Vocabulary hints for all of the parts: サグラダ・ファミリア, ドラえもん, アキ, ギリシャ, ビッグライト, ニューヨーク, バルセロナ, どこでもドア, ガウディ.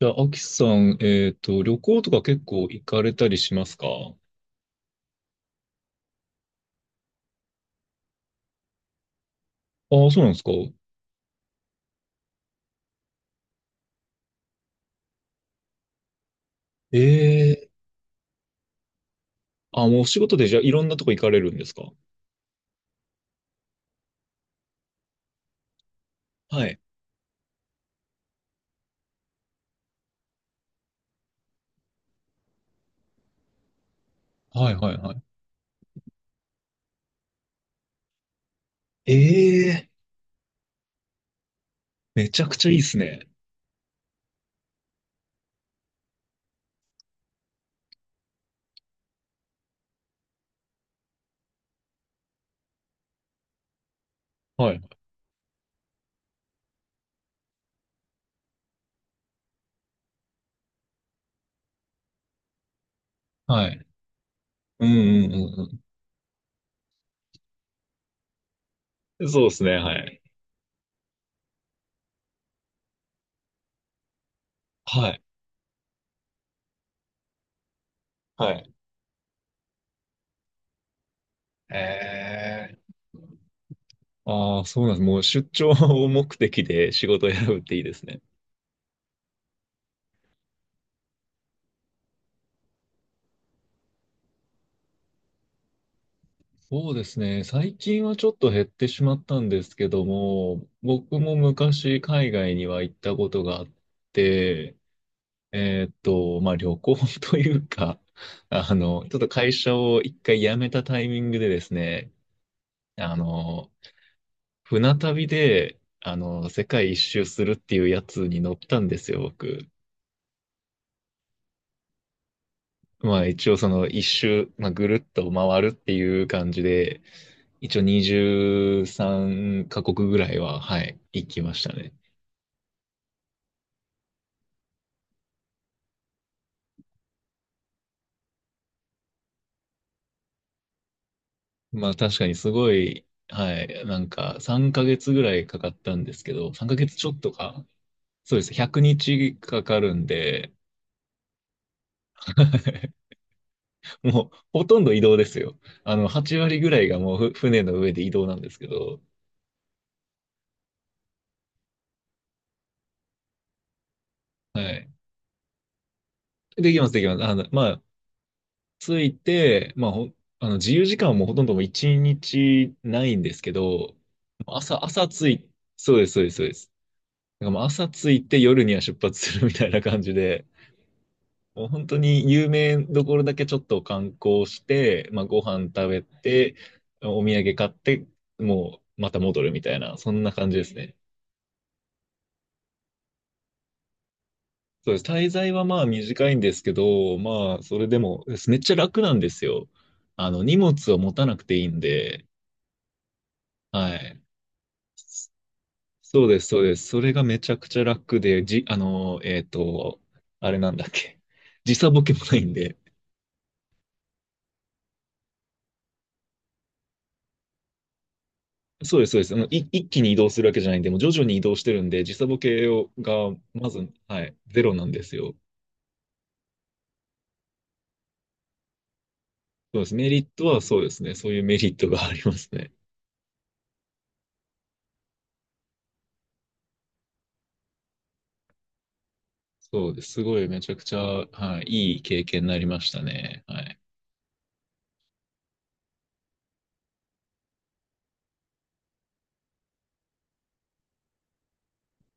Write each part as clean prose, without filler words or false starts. じゃあ、アキさん、旅行とか結構行かれたりしますか？ああ、そうなんですか。ええ。あ、もうお仕事でじゃあいろんなとこ行かれるんですか？はい。はいはいはい。ええ。めちゃくちゃいいですね。はい。はい。うんうんうんうん。そうですね、はい。はい。はい。ええ。ああ、そうなんです。もう出張を目的で仕事を選ぶっていいですね。そうですね。最近はちょっと減ってしまったんですけども、僕も昔海外には行ったことがあって、まあ旅行 というか、ちょっと会社を一回辞めたタイミングでですね、あの、船旅で、世界一周するっていうやつに乗ったんですよ、僕。まあ一応その一周、まあ、ぐるっと回るっていう感じで、一応23カ国ぐらいは、はい、行きましたね。まあ確かにすごい、はい、なんか3ヶ月ぐらいかかったんですけど、3ヶ月ちょっとか。そうです。100日かかるんで、もうほとんど移動ですよ。8割ぐらいがもう船の上で移動なんですけど、はい。できます、できます。ついて、まあ、あの自由時間はもうほとんどもう一日ないんですけど、朝、朝つい、そうです、そうです、そうです。だからもう朝ついて夜には出発するみたいな感じで、もう本当に有名どころだけちょっと観光して、まあ、ご飯食べて、お土産買って、もうまた戻るみたいな、そんな感じですね。そうです。滞在はまあ短いんですけど、まあ、それでも、めっちゃ楽なんですよ。荷物を持たなくていいんで、はい。そうです、そうです。それがめちゃくちゃ楽で、じ、あの、えっと、あれなんだっけ。時差ボケもないんで。そうです、そうです。一気に移動するわけじゃないんで、もう徐々に移動してるんで、時差ボケを、が、まず、はい、ゼロなんですよ。そうです。メリットはそうですね。そういうメリットがありますね。そうです。すごいめちゃくちゃ、はい、いい経験になりましたね。はい。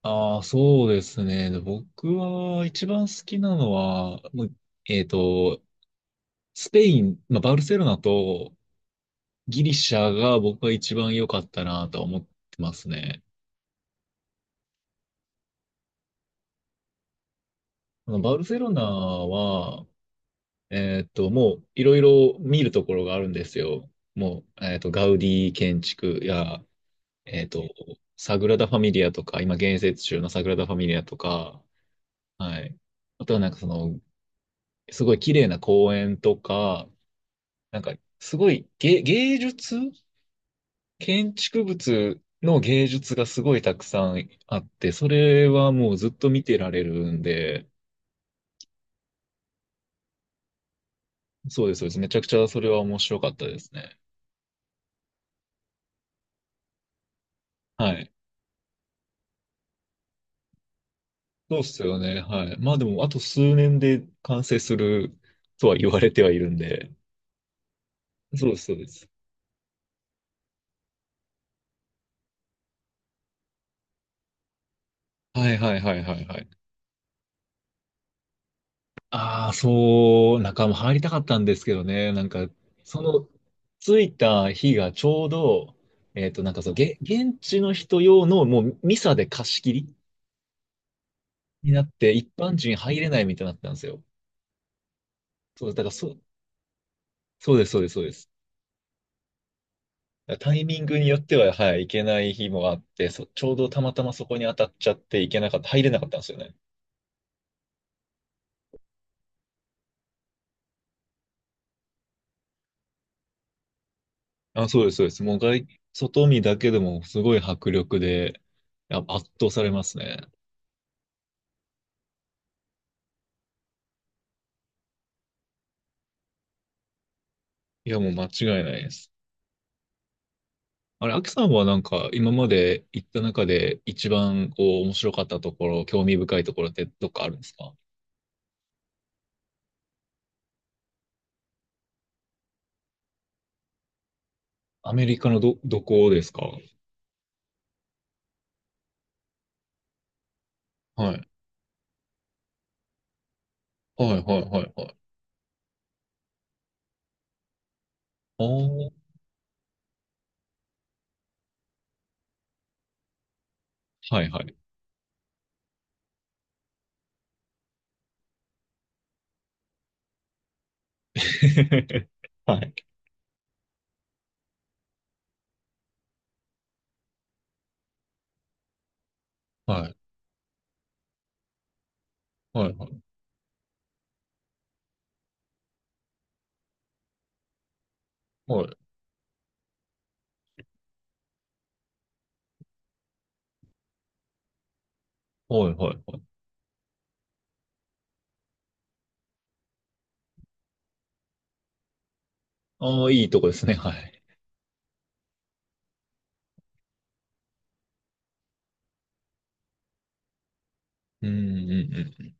ああ、そうですね。で僕は一番好きなのは、もうえっと、スペイン、まあ、バルセロナとギリシャが僕は一番良かったなとは思ってますね。あのバルセロナは、もういろいろ見るところがあるんですよ。もう、ガウディ建築や、えーっと、サグラダ・ファミリアとか、今建設中のサグラダ・ファミリアとか、はい。あとはなんかすごい綺麗な公園とか、なんか、すごい芸術建築物の芸術がすごいたくさんあって、それはもうずっと見てられるんで、そうです、そうです。めちゃくちゃそれは面白かったですね。はい。そうっすよね。はい。まあでも、あと数年で完成するとは言われてはいるんで。そうです、そうです。はいはいはいはいはい。ああ、そう、中も入りたかったんですけどね。なんか、その、着いた日がちょうど、なんかそう、現地の人用のもうミサで貸し切りになって、一般人入れないみたいになったんですよ。そう、だからそう、そうです、そうです、そうです。だからタイミングによっては、はい、行けない日もあって、ちょうどたまたまそこに当たっちゃって行けなかった、入れなかったんですよね。あ、そうです、そうです。もう外見だけでもすごい迫力で、圧倒されますね。いや、もう間違いないです。あれ、アキさんはなんか、今まで行った中で一番こう、面白かったところ、興味深いところってどっかあるんですか？アメリカのどこですか？はい。はい、はい、はい、はい。ああ、はいはい。はい。はい。はいはい。はい。はいはいはい。ああ、いいとこですね。はい。うんうんうん。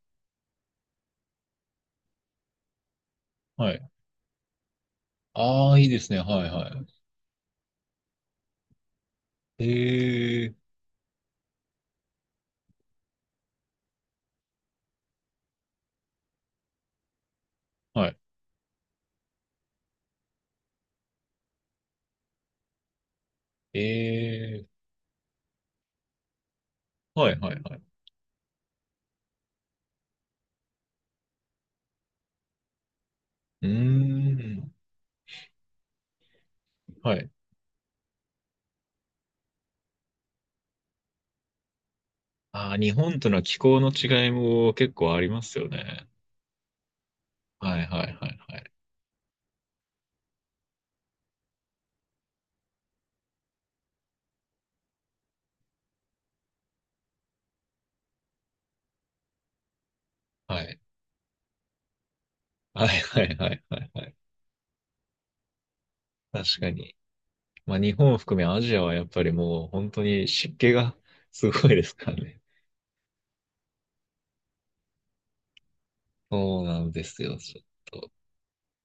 はい。ああ、いいですね。はいはい。ええ、はい。ええ、はいはいはい。うーん。はい。ああ、日本との気候の違いも結構ありますよね。はいはいはいはい。はい。はいはいはいはいはい。確かに。まあ日本を含めアジアはやっぱりもう本当に湿気がすごいですからね。そうなんですよ、ちょっと。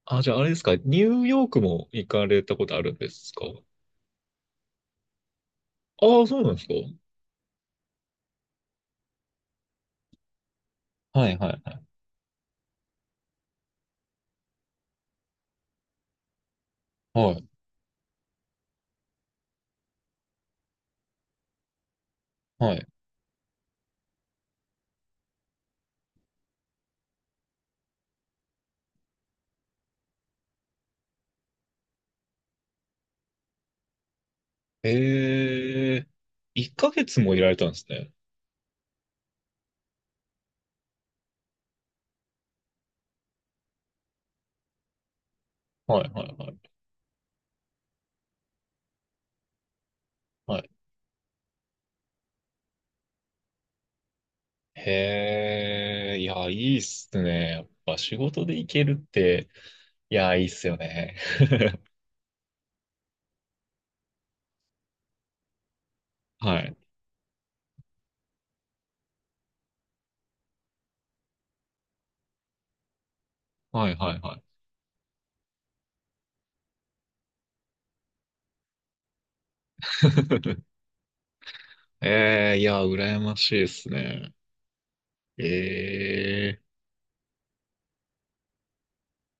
あ、じゃああれですか、ニューヨークも行かれたことあるんですか？ああ、そうなんですか？はいはいはい。はいはい。ええ、1ヶ月もいられたんですね。はいはいはい。はい。へえ、いや、いいっすね。やっぱ仕事で行けるって、いや、いいっすよね。はい。はいはいはい。ええ、いや、羨ましいっすね。ええ。